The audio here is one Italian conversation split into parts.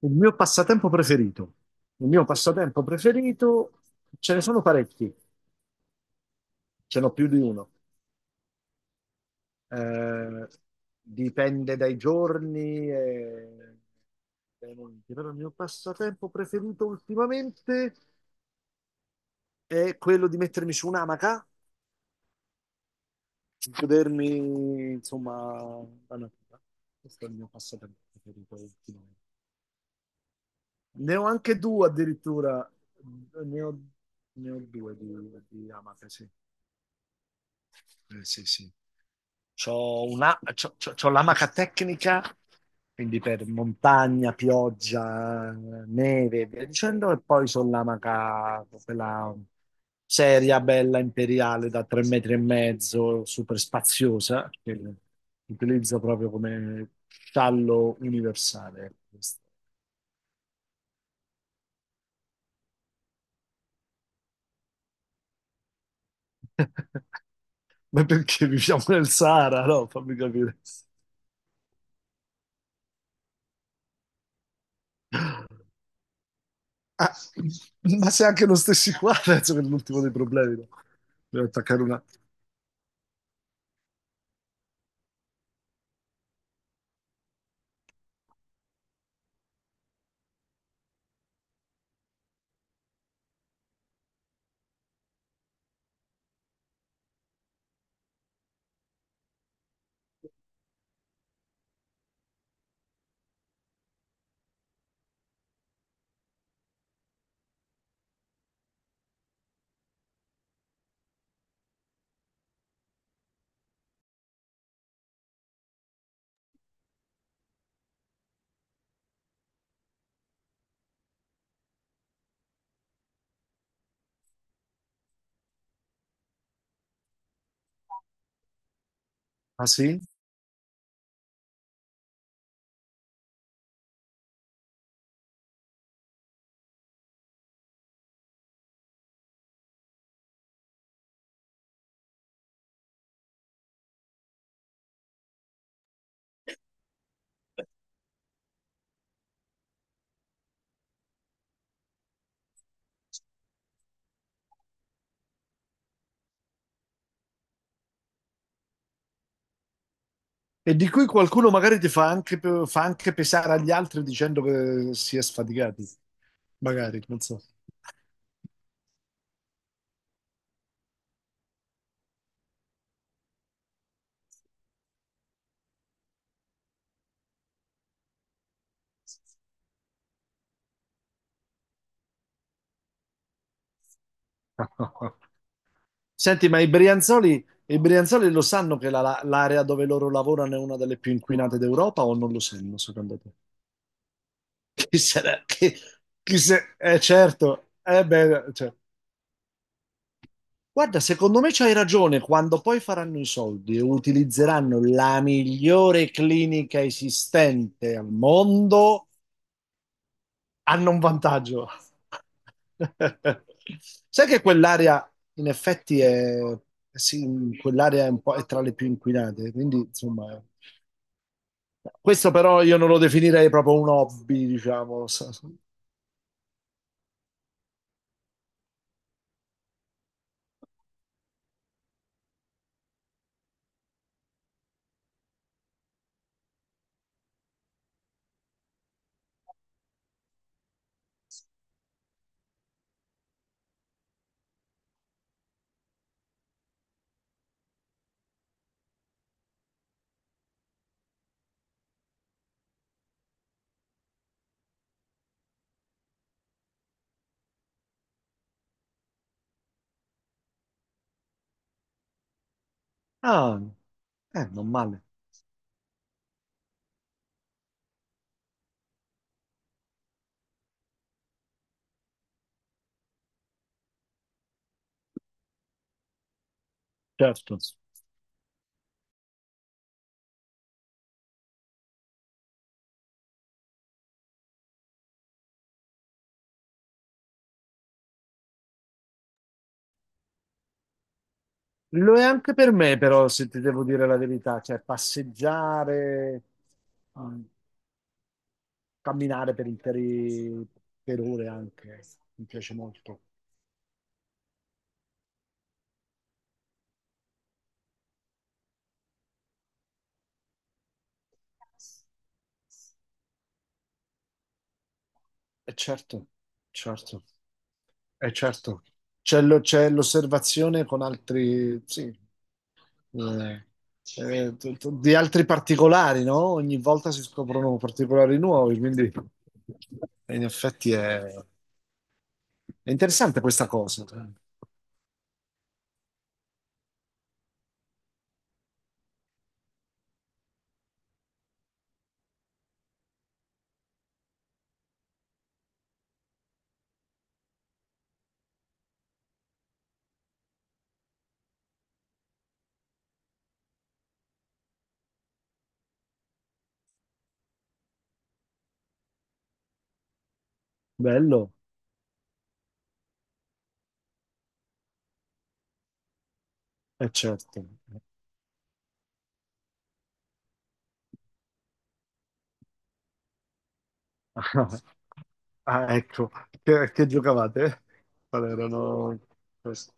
Il mio passatempo preferito. Il mio passatempo preferito, ce ne sono parecchi, ce n'ho più di uno. Eh, Dipende dai giorni e dai momenti. Però il mio passatempo preferito ultimamente è quello di mettermi su un'amaca, di godermi, insomma, la natura. Questo è il mio passatempo preferito ultimamente. Ne ho anche due addirittura, ne ho, ne ho due di amache, sì. Sì, sì. C'ho una- c'ho- c'ho- C'ho l'amaca tecnica, quindi per montagna, pioggia, neve e via dicendo, e poi sono l'amaca, quella seria, bella, imperiale, da 3 metri e mezzo, super spaziosa, che utilizzo proprio come sciallo universale. Ma perché viviamo nel Sahara? No, fammi capire. Ah, ma se anche non stessi qua, penso che è l'ultimo dei problemi, no? Per attaccare una... Ah sì? E di cui qualcuno magari ti fa anche, fa anche pesare agli altri dicendo che si è sfaticati, magari, non so. Senti, ma i Brianzoli lo sanno che l'area dove loro lavorano è una delle più inquinate d'Europa o non lo sanno, secondo te? Chi se ne... Chi, chi se... Eh certo, eh beh, cioè, guarda, secondo me c'hai ragione, quando poi faranno i soldi e utilizzeranno la migliore clinica esistente al mondo, hanno un vantaggio. Sai che quell'area in effetti è, sì, quell'area è, un po', è tra le più inquinate, quindi insomma, questo però io non lo definirei proprio un hobby, diciamo. Ah, non male, certo. Lo è anche per me, però, se ti devo dire la verità, cioè passeggiare, mm, camminare per ore anche, mi piace molto. E certo, certo, e certo. C'è l'osservazione con altri, sì, eh, di altri particolari, no? Ogni volta si scoprono particolari nuovi, quindi in effetti è, è interessante questa cosa, cioè. Bello. Eh certo. Ah, ecco, che giocavate? Qual erano questi?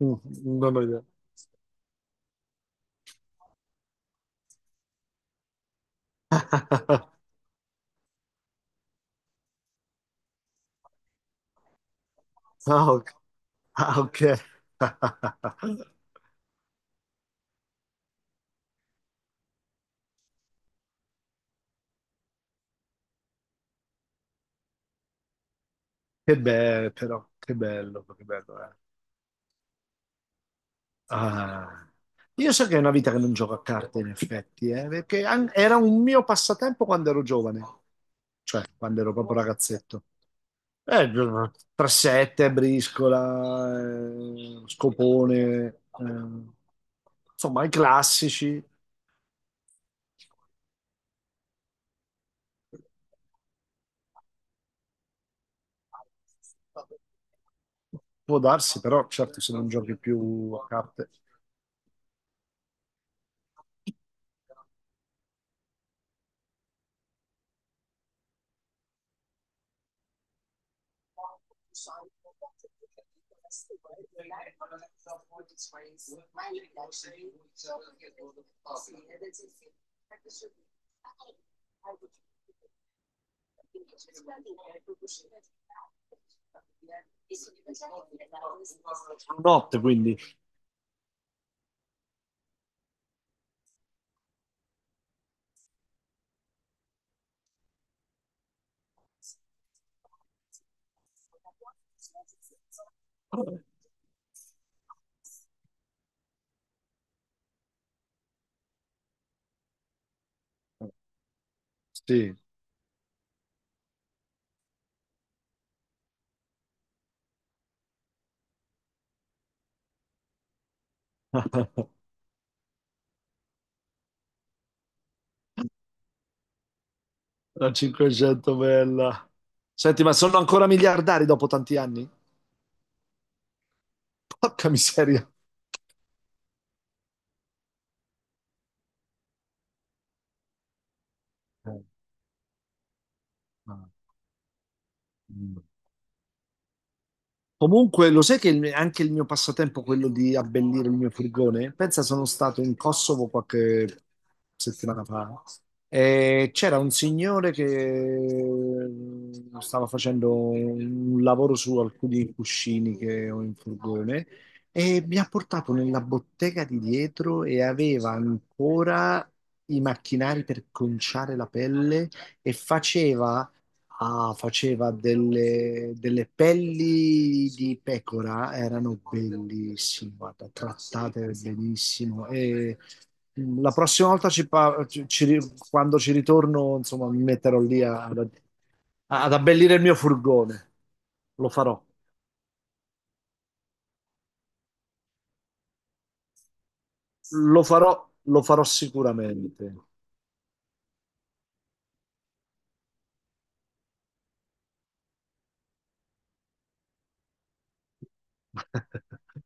Mm, Non ho idea. Ah, ok. Ah, ok. Che bello, però, che bello, eh. Ah. Io so che è una vita che non gioco a carte, in effetti, perché era un mio passatempo quando ero giovane, cioè quando ero proprio ragazzetto. Eh, 3-7, briscola, scopone, insomma i classici. Può darsi, però, certo, se non giochi più a carte. Notte, quindi. Sì, la 500 bella. Senti, ma sono ancora miliardari dopo tanti anni? Porca miseria. Ah, mm. Comunque, lo sai che anche il mio passatempo, quello di abbellire il mio furgone, pensa sono stato in Kosovo qualche settimana fa e c'era un signore che stava facendo un lavoro su alcuni cuscini che ho in furgone e mi ha portato nella bottega di dietro e aveva ancora i macchinari per conciare la pelle e faceva ah, faceva delle pelli di pecora, erano bellissime, guarda, trattate benissimo. E la prossima volta, ci pa- ci- ci- ri- quando ci ritorno, insomma, mi metterò ad abbellire il mio furgone. Lo farò, lo farò, lo farò sicuramente.